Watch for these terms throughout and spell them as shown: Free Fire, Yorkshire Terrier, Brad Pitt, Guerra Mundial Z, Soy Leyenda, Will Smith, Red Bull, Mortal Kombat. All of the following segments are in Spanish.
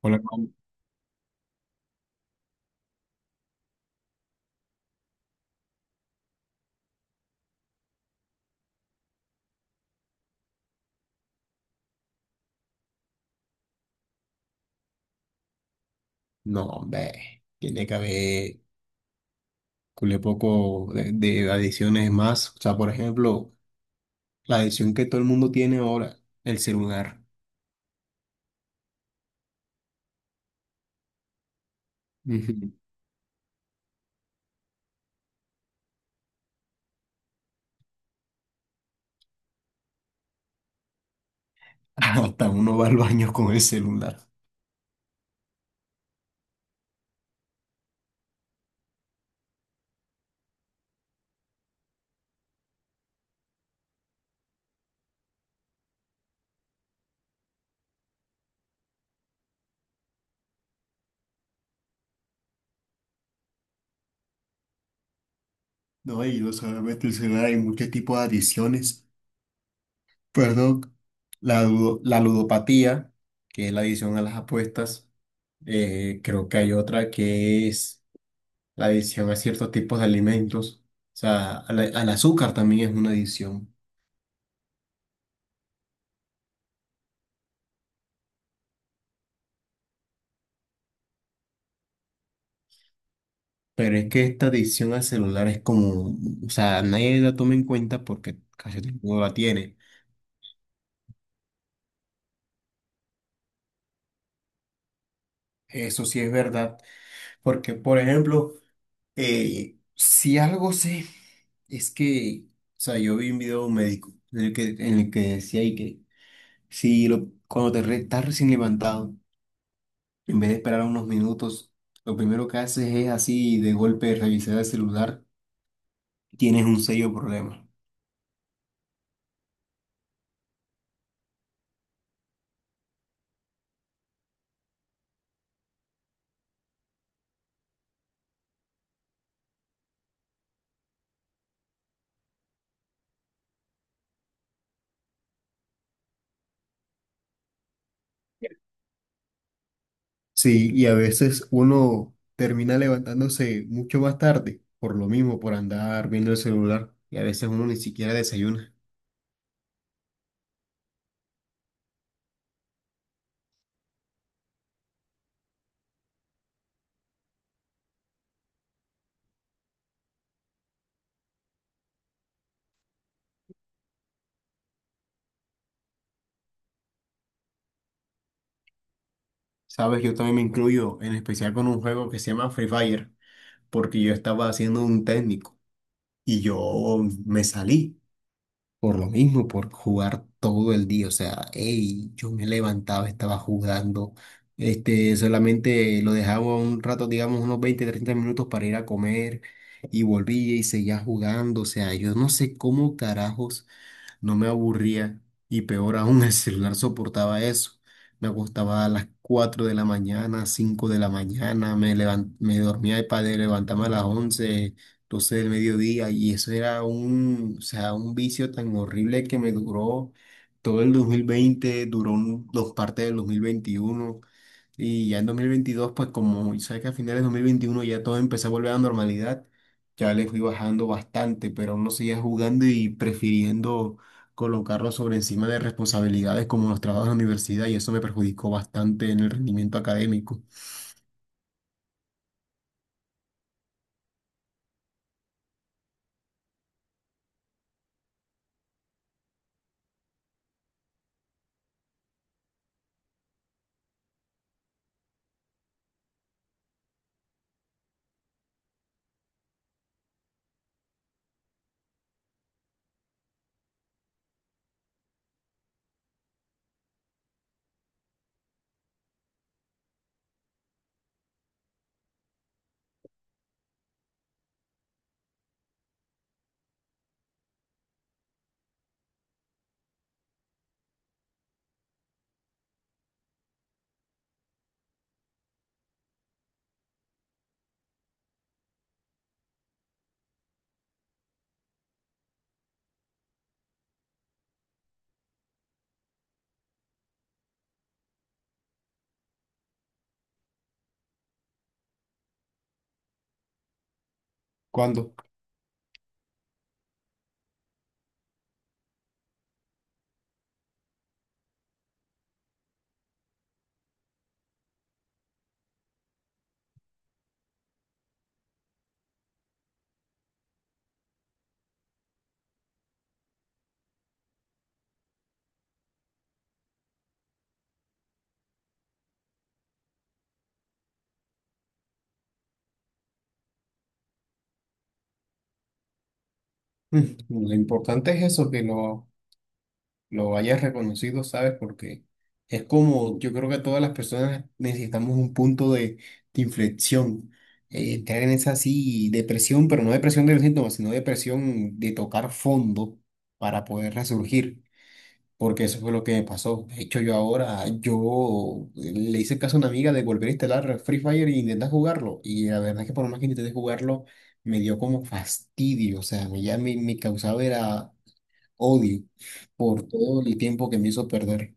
Hola, ¿cómo? No, hombre, tiene que haber cule poco de adiciones más. O sea, por ejemplo, la adición que todo el mundo tiene ahora, el celular. Ujú. Hasta uno va al baño con el celular. No, y no solamente el celular, hay muchos tipos de adiciones. Perdón. La ludopatía, que es la adición a las apuestas. Creo que hay otra que es la adición a ciertos tipos de alimentos. O sea, al azúcar también es una adición. Pero es que esta adicción al celular es como, o sea, nadie la toma en cuenta porque casi todo el mundo la tiene. Eso sí es verdad, porque, por ejemplo, si algo sé, es que, o sea, yo vi un video de un médico en el que decía ahí que si lo, cuando estás recién levantado, en vez de esperar unos minutos, lo primero que haces es así de golpe revisar el celular, tienes un serio problema. Sí, y a veces uno termina levantándose mucho más tarde, por lo mismo, por andar viendo el celular, y a veces uno ni siquiera desayuna. Sabes, yo también me incluyo, en especial con un juego que se llama Free Fire, porque yo estaba haciendo un técnico y yo me salí. Por lo mismo, por jugar todo el día. O sea, hey, yo me levantaba, estaba jugando. Este, solamente lo dejaba un rato, digamos, unos 20 30 minutos para ir a comer y volvía y seguía jugando. O sea, yo no sé cómo carajos no me aburría y peor aún el celular soportaba eso. Me acostaba a las 4 de la mañana, 5 de la mañana, me dormía para levantarme a las 11 12 del mediodía, y eso era un, o sea, un vicio tan horrible que me duró todo el 2020, duró dos partes del 2021, y ya en 2022, pues como sabes que a finales de 2021 ya todo empezó a volver a la normalidad, ya le fui bajando bastante, pero aún no seguía jugando y prefiriendo colocarlo sobre encima de responsabilidades como los trabajos de la universidad, y eso me perjudicó bastante en el rendimiento académico. Cuando. mm, lo importante es eso, que no lo hayas reconocido, ¿sabes? Porque es como, yo creo que todas las personas necesitamos un punto de inflexión, entrar en esa así depresión, pero no depresión de los síntomas, sino depresión de tocar fondo para poder resurgir, porque eso fue lo que me pasó. De hecho, yo ahora, yo le hice caso a una amiga de volver a instalar Free Fire e intentar jugarlo, y la verdad es que por más que intenté jugarlo, me dio como fastidio, o sea, me ya me causaba era odio por todo el tiempo que me hizo perder.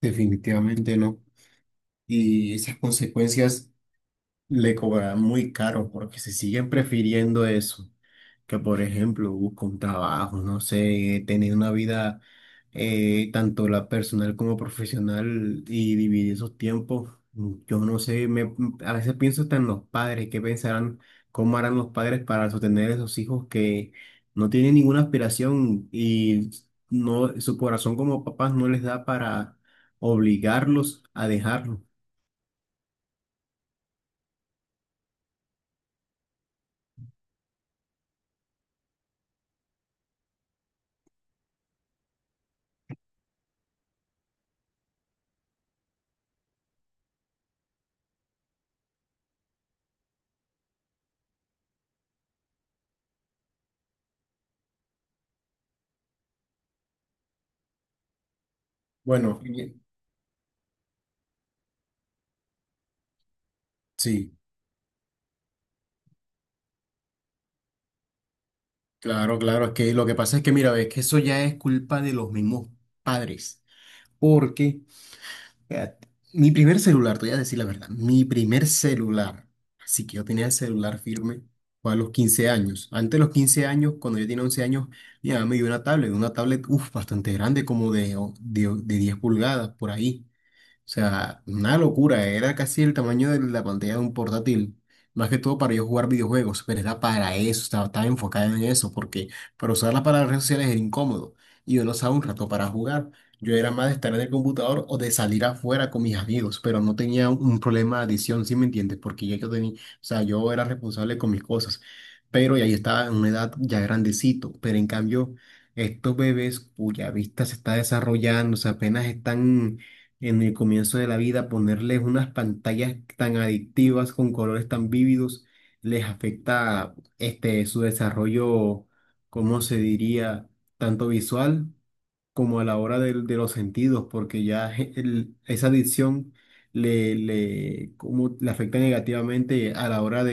Definitivamente no. Y esas consecuencias le cobrarán muy caro porque se siguen prefiriendo eso, que por ejemplo busco un trabajo, no sé, tener una vida, tanto la personal como profesional y dividir esos tiempos. Yo no sé, a veces pienso hasta en los padres, qué pensarán, cómo harán los padres para sostener a esos hijos que no tienen ninguna aspiración y no, su corazón como papás no les da para obligarlos a dejarlo. Bueno, sí, claro, claro, es que lo que pasa es que mira, es que eso ya es culpa de los mismos padres. Porque eh, mi primer celular, te voy a decir la verdad, mi primer celular, así que yo tenía el celular firme, fue a los 15 años. Antes de los 15 años, cuando yo tenía 11 años, mi mamá me dio una tablet, uf, bastante grande, como de 10 pulgadas por ahí. O sea, una locura, era casi el tamaño de la pantalla de un portátil, más que todo para yo jugar videojuegos, pero era para eso, estaba enfocada en eso, porque para usarla para las redes sociales era incómodo y yo no usaba un rato para jugar. Yo era más de estar en el computador o de salir afuera con mis amigos, pero no tenía un problema de adicción, ¿sí me entiendes? Porque ya yo tenía, o sea, yo era responsable con mis cosas, pero ya yo estaba en una edad ya grandecito, pero en cambio, estos bebés cuya vista se está desarrollando, o sea, apenas están en el comienzo de la vida, ponerles unas pantallas tan adictivas con colores tan vívidos, les afecta este, su desarrollo. ¿Cómo se diría? Tanto visual como a la hora de los sentidos, porque ya esa adicción como, le afecta negativamente a la hora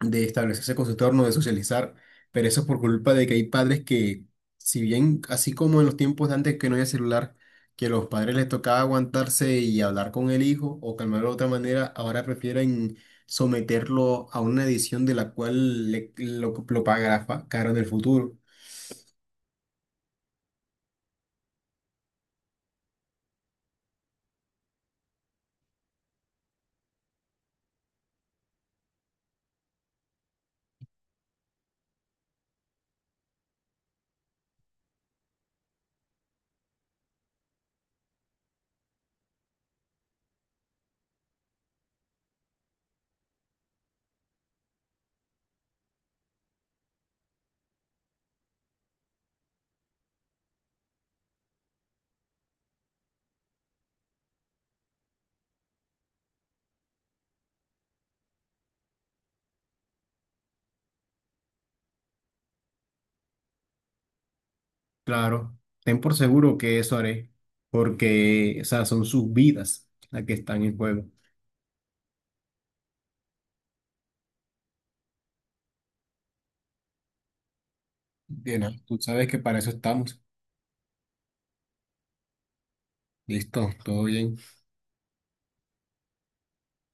de establecerse con su entorno, de socializar, pero eso es por culpa de que hay padres que, si bien, así como en los tiempos de antes que no había celular, que los padres les tocaba aguantarse y hablar con el hijo o calmarlo de otra manera, ahora prefieren someterlo a una edición de la cual lo pagará caro en el futuro. Claro, ten por seguro que eso haré, porque, o sea, son sus vidas las que están en juego. Bien, ah, tú sabes que para eso estamos. Listo, todo bien.